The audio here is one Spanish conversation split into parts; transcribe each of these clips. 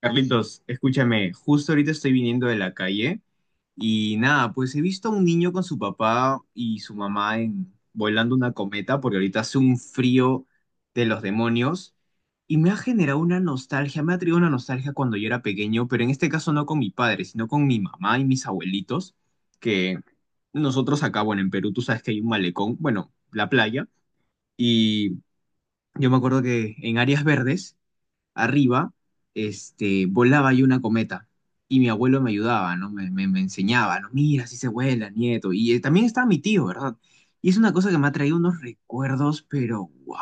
Carlitos, escúchame, justo ahorita estoy viniendo de la calle y nada, pues he visto a un niño con su papá y su mamá en, volando una cometa porque ahorita hace un frío de los demonios y me ha generado una nostalgia, me ha traído una nostalgia cuando yo era pequeño, pero en este caso no con mi padre, sino con mi mamá y mis abuelitos, que nosotros acá, bueno, en Perú tú sabes que hay un malecón, bueno, la playa, y yo me acuerdo que en áreas verdes arriba, volaba ahí una cometa. Y mi abuelo me ayudaba, ¿no? Me enseñaba, ¿no? Mira, así se vuela, nieto. Y también estaba mi tío, ¿verdad? Y es una cosa que me ha traído unos recuerdos, pero wow,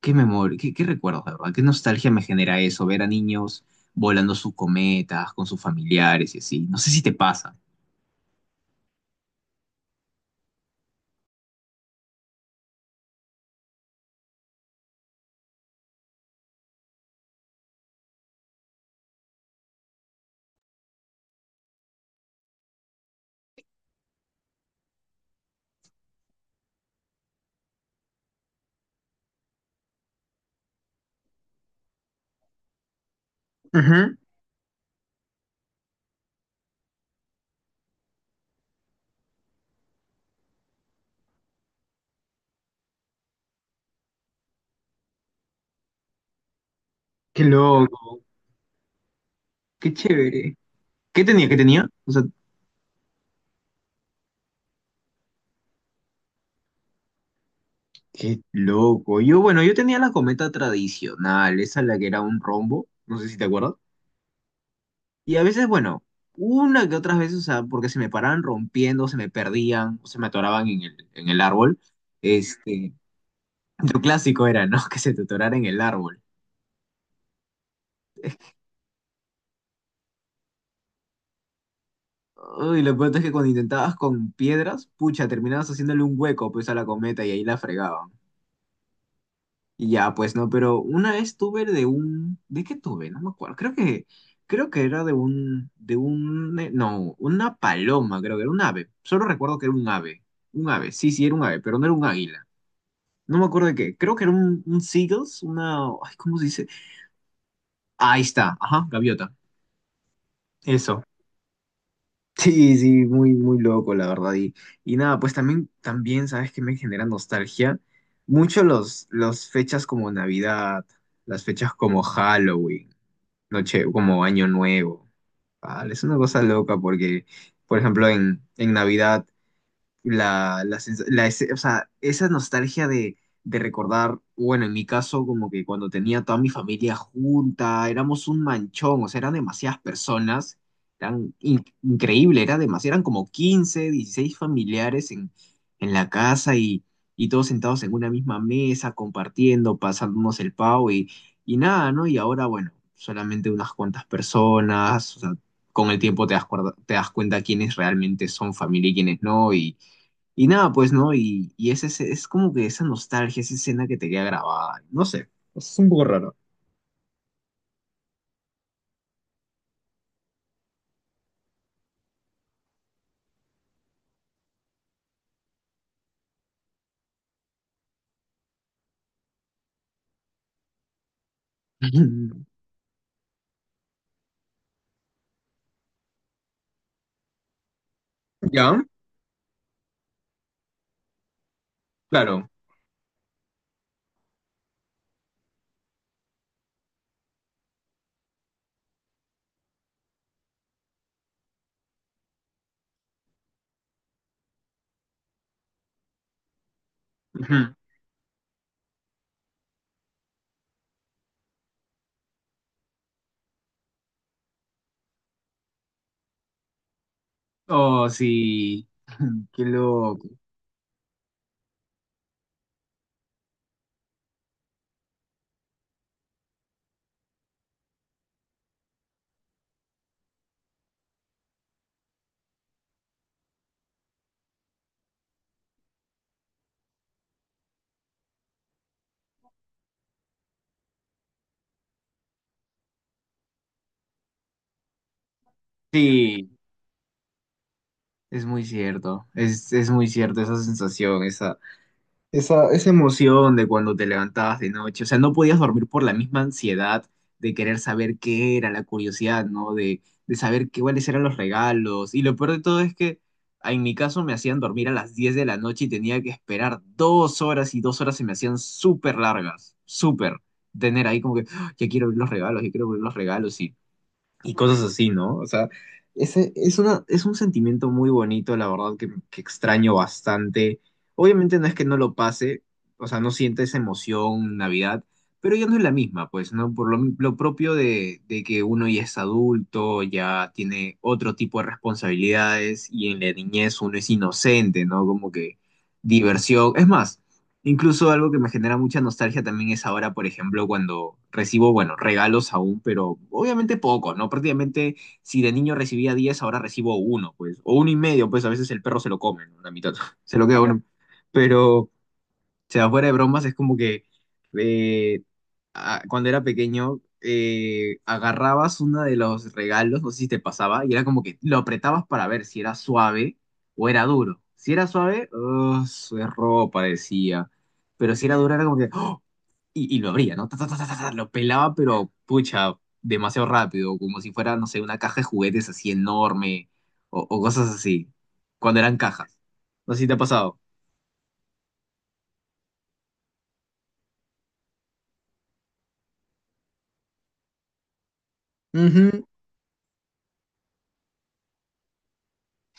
qué memoria, qué recuerdos, de verdad. Qué nostalgia me genera eso, ver a niños volando sus cometas con sus familiares y así. No sé si te pasa. Ujú. Qué loco, qué chévere. ¿Qué tenía? ¿Qué tenía? O sea, qué loco. Yo, bueno, yo tenía la cometa tradicional, esa la que era un rombo, no sé si te acuerdas. Y a veces, bueno, una que otras veces, o sea, porque se me paraban rompiendo, se me perdían, o se me atoraban en el árbol. Este, lo clásico era, ¿no? Que se te atorara en el árbol. Uy, lo peor es que cuando intentabas con piedras, pucha, terminabas haciéndole un hueco pues a la cometa y ahí la fregaban. Y ya, pues no, pero una vez tuve de un, ¿de qué tuve? No me acuerdo. Creo que era de un, no, una paloma, creo que era un ave. Solo recuerdo que era un ave. Sí, sí, era un ave, pero no era un águila. No me acuerdo de qué. Creo que era un seagulls, una, ay, ¿cómo se dice? Ahí está, ajá, gaviota. Eso. Sí, sí, muy loco, la verdad. Y nada, pues también, ¿sabes que me genera nostalgia? Mucho los fechas como Navidad, las fechas como Halloween, noche, como Año Nuevo. Vale, es una cosa loca porque, por ejemplo, en Navidad la, la, sens- la ese- o sea, esa nostalgia de recordar, bueno, en mi caso, como que cuando tenía toda mi familia junta, éramos un manchón, o sea, eran demasiadas personas, increíble, eran como 15 16 familiares en la casa y todos sentados en una misma mesa, compartiendo, pasándonos el pavo y nada, ¿no? Y ahora, bueno, solamente unas cuantas personas, o sea, con el tiempo te das cuenta quiénes realmente son familia y quiénes no, y nada, pues, ¿no? Es como que esa nostalgia, esa escena que te queda grabada. No sé, es un poco raro. ¿Ya? Claro. Ujú. Oh, sí. Qué loco. Sí, es muy cierto. Es muy cierto esa sensación, esa. Esa emoción de cuando te levantabas de noche, o sea, no podías dormir por la misma ansiedad de querer saber qué era, la curiosidad, ¿no? De saber qué, cuáles eran los regalos. Y lo peor de todo es que en mi caso me hacían dormir a las 10 de la noche y tenía que esperar 2 horas y 2 horas se me hacían súper largas, súper. Tener ahí como que, "Ah, ya quiero ver los regalos, ya quiero ver los regalos". Y cosas así, ¿no? O sea, ese es una, es un sentimiento muy bonito, la verdad, que extraño bastante. Obviamente no es que no lo pase, o sea, no siente esa emoción Navidad, pero ya no es la misma, pues, ¿no? Por lo propio de que uno ya es adulto, ya tiene otro tipo de responsabilidades y en la niñez uno es inocente, ¿no? Como que diversión. Es más, incluso algo que me genera mucha nostalgia también es ahora, por ejemplo, cuando recibo, bueno, regalos aún, pero obviamente poco, ¿no? Prácticamente si de niño recibía 10 ahora recibo uno, pues, o uno y medio, pues a veces el perro se lo come, ¿no? La mitad, se lo queda uno. Pero sea, fuera de bromas, es como que eh, cuando era pequeño agarrabas uno de los regalos, no sé si te pasaba, y era como que lo apretabas para ver si era suave o era duro. Si era suave, oh, su error parecía. Pero si era duro, era como que ¡oh! Y lo abría, ¿no? Ta, ta, ta, ta, ta, ta, lo pelaba, pero pucha, demasiado rápido, como si fuera, no sé, una caja de juguetes así enorme o cosas así, cuando eran cajas. No sé si te ha pasado.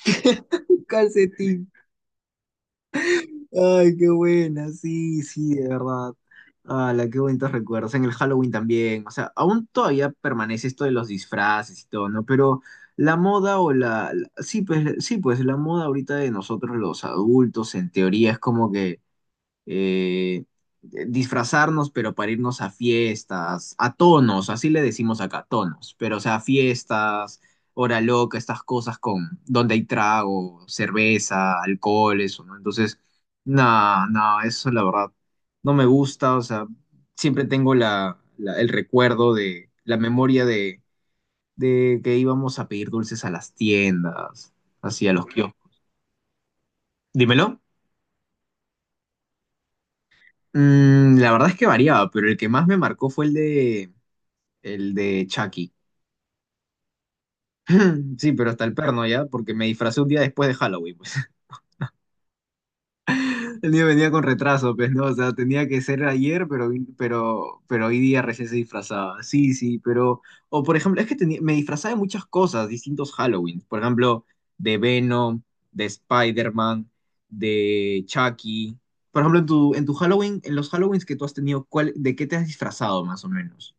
Un calcetín. Ay, qué buena, sí, sí, de verdad. La, qué bonitos recuerdos. En el Halloween también. O sea, aún todavía permanece esto de los disfraces y todo, ¿no? Pero la moda o la. La- sí, pues la moda ahorita de nosotros los adultos, en teoría, es como que eh, disfrazarnos, pero para irnos a fiestas, a tonos, así le decimos acá, tonos, pero o sea, fiestas, hora loca, estas cosas con donde hay trago, cerveza, alcohol, eso, ¿no? Entonces, nada, eso la verdad no me gusta, o sea, siempre tengo el recuerdo de la memoria de que íbamos a pedir dulces a las tiendas, así a los kioscos. Dímelo. Mm, la verdad es que variaba, pero el que más me marcó fue el de Chucky. Sí, pero hasta el perno ya, porque me disfracé un día después de Halloween, pues. El niño venía con retraso, pues, ¿no? O sea, tenía que ser ayer, pero, pero hoy día recién se disfrazaba. Sí, sí, pero... O, por ejemplo, es que tenía- me disfrazaba de muchas cosas, distintos Halloween. Por ejemplo, de Venom, de Spider-Man, de Chucky. Por ejemplo, en tu Halloween, en los Halloweens que tú has tenido, ¿cuál, de qué te has disfrazado, más o menos?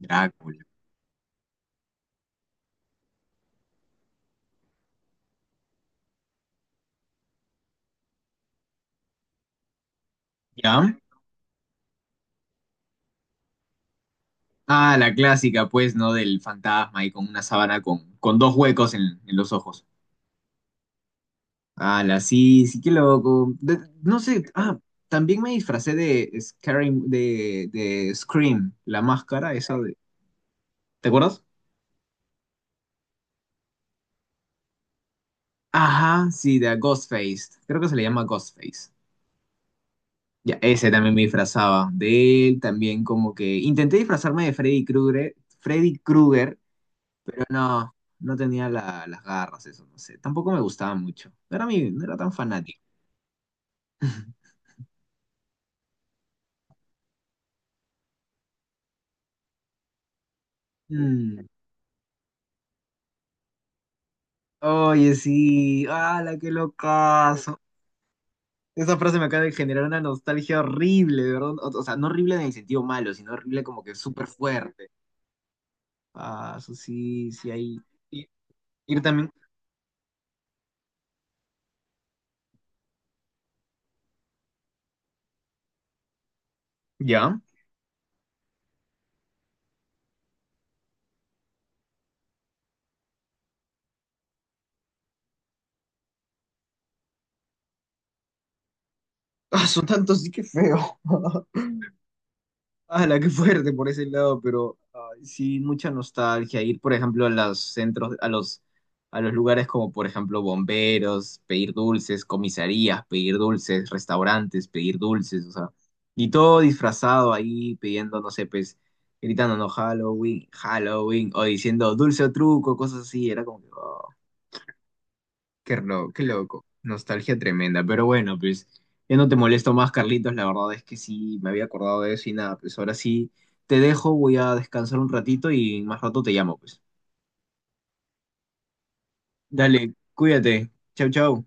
Drácula. ¿Ya? Ah, la clásica, pues, ¿no? Del fantasma y con una sábana con dos huecos en los ojos. Ah, la sí, sí, qué loco. De- no sé, ah, también me disfracé de, Scary- de Scream, la máscara, esa de... ¿Te acuerdas? Ajá, sí, de Ghostface. Creo que se le llama Ghostface. Ya, ese también me disfrazaba. De él también como que... Intenté disfrazarme de Freddy Krueger, pero no, no tenía la- las garras, eso, no sé. Tampoco me gustaba mucho. No era tan fanático. Mm. Oye, sí, ¡hala, qué locazo! Esa frase me acaba de generar una nostalgia horrible, ¿verdad? O sea, no horrible en el sentido malo, sino horrible como que súper fuerte. Ah, eso sí, sí, ahí. Y, ir también. ¿Ya? Ah, son tantos, sí que feo. La, qué fuerte por ese lado, pero ay, sí, mucha nostalgia. Ir, por ejemplo, a los centros, a los lugares como, por ejemplo, bomberos, pedir dulces, comisarías, pedir dulces, restaurantes, pedir dulces, o sea, y todo disfrazado ahí, pidiendo, no sé, pues, gritando, no, Halloween, Halloween, o diciendo dulce o truco, cosas así. Era como que, qué, ro- qué loco, nostalgia tremenda. Pero bueno, pues ya no te molesto más, Carlitos. La verdad es que sí, me había acordado de eso y nada, pues ahora sí te dejo, voy a descansar un ratito y más rato te llamo, pues. Dale, cuídate. Chau, chau.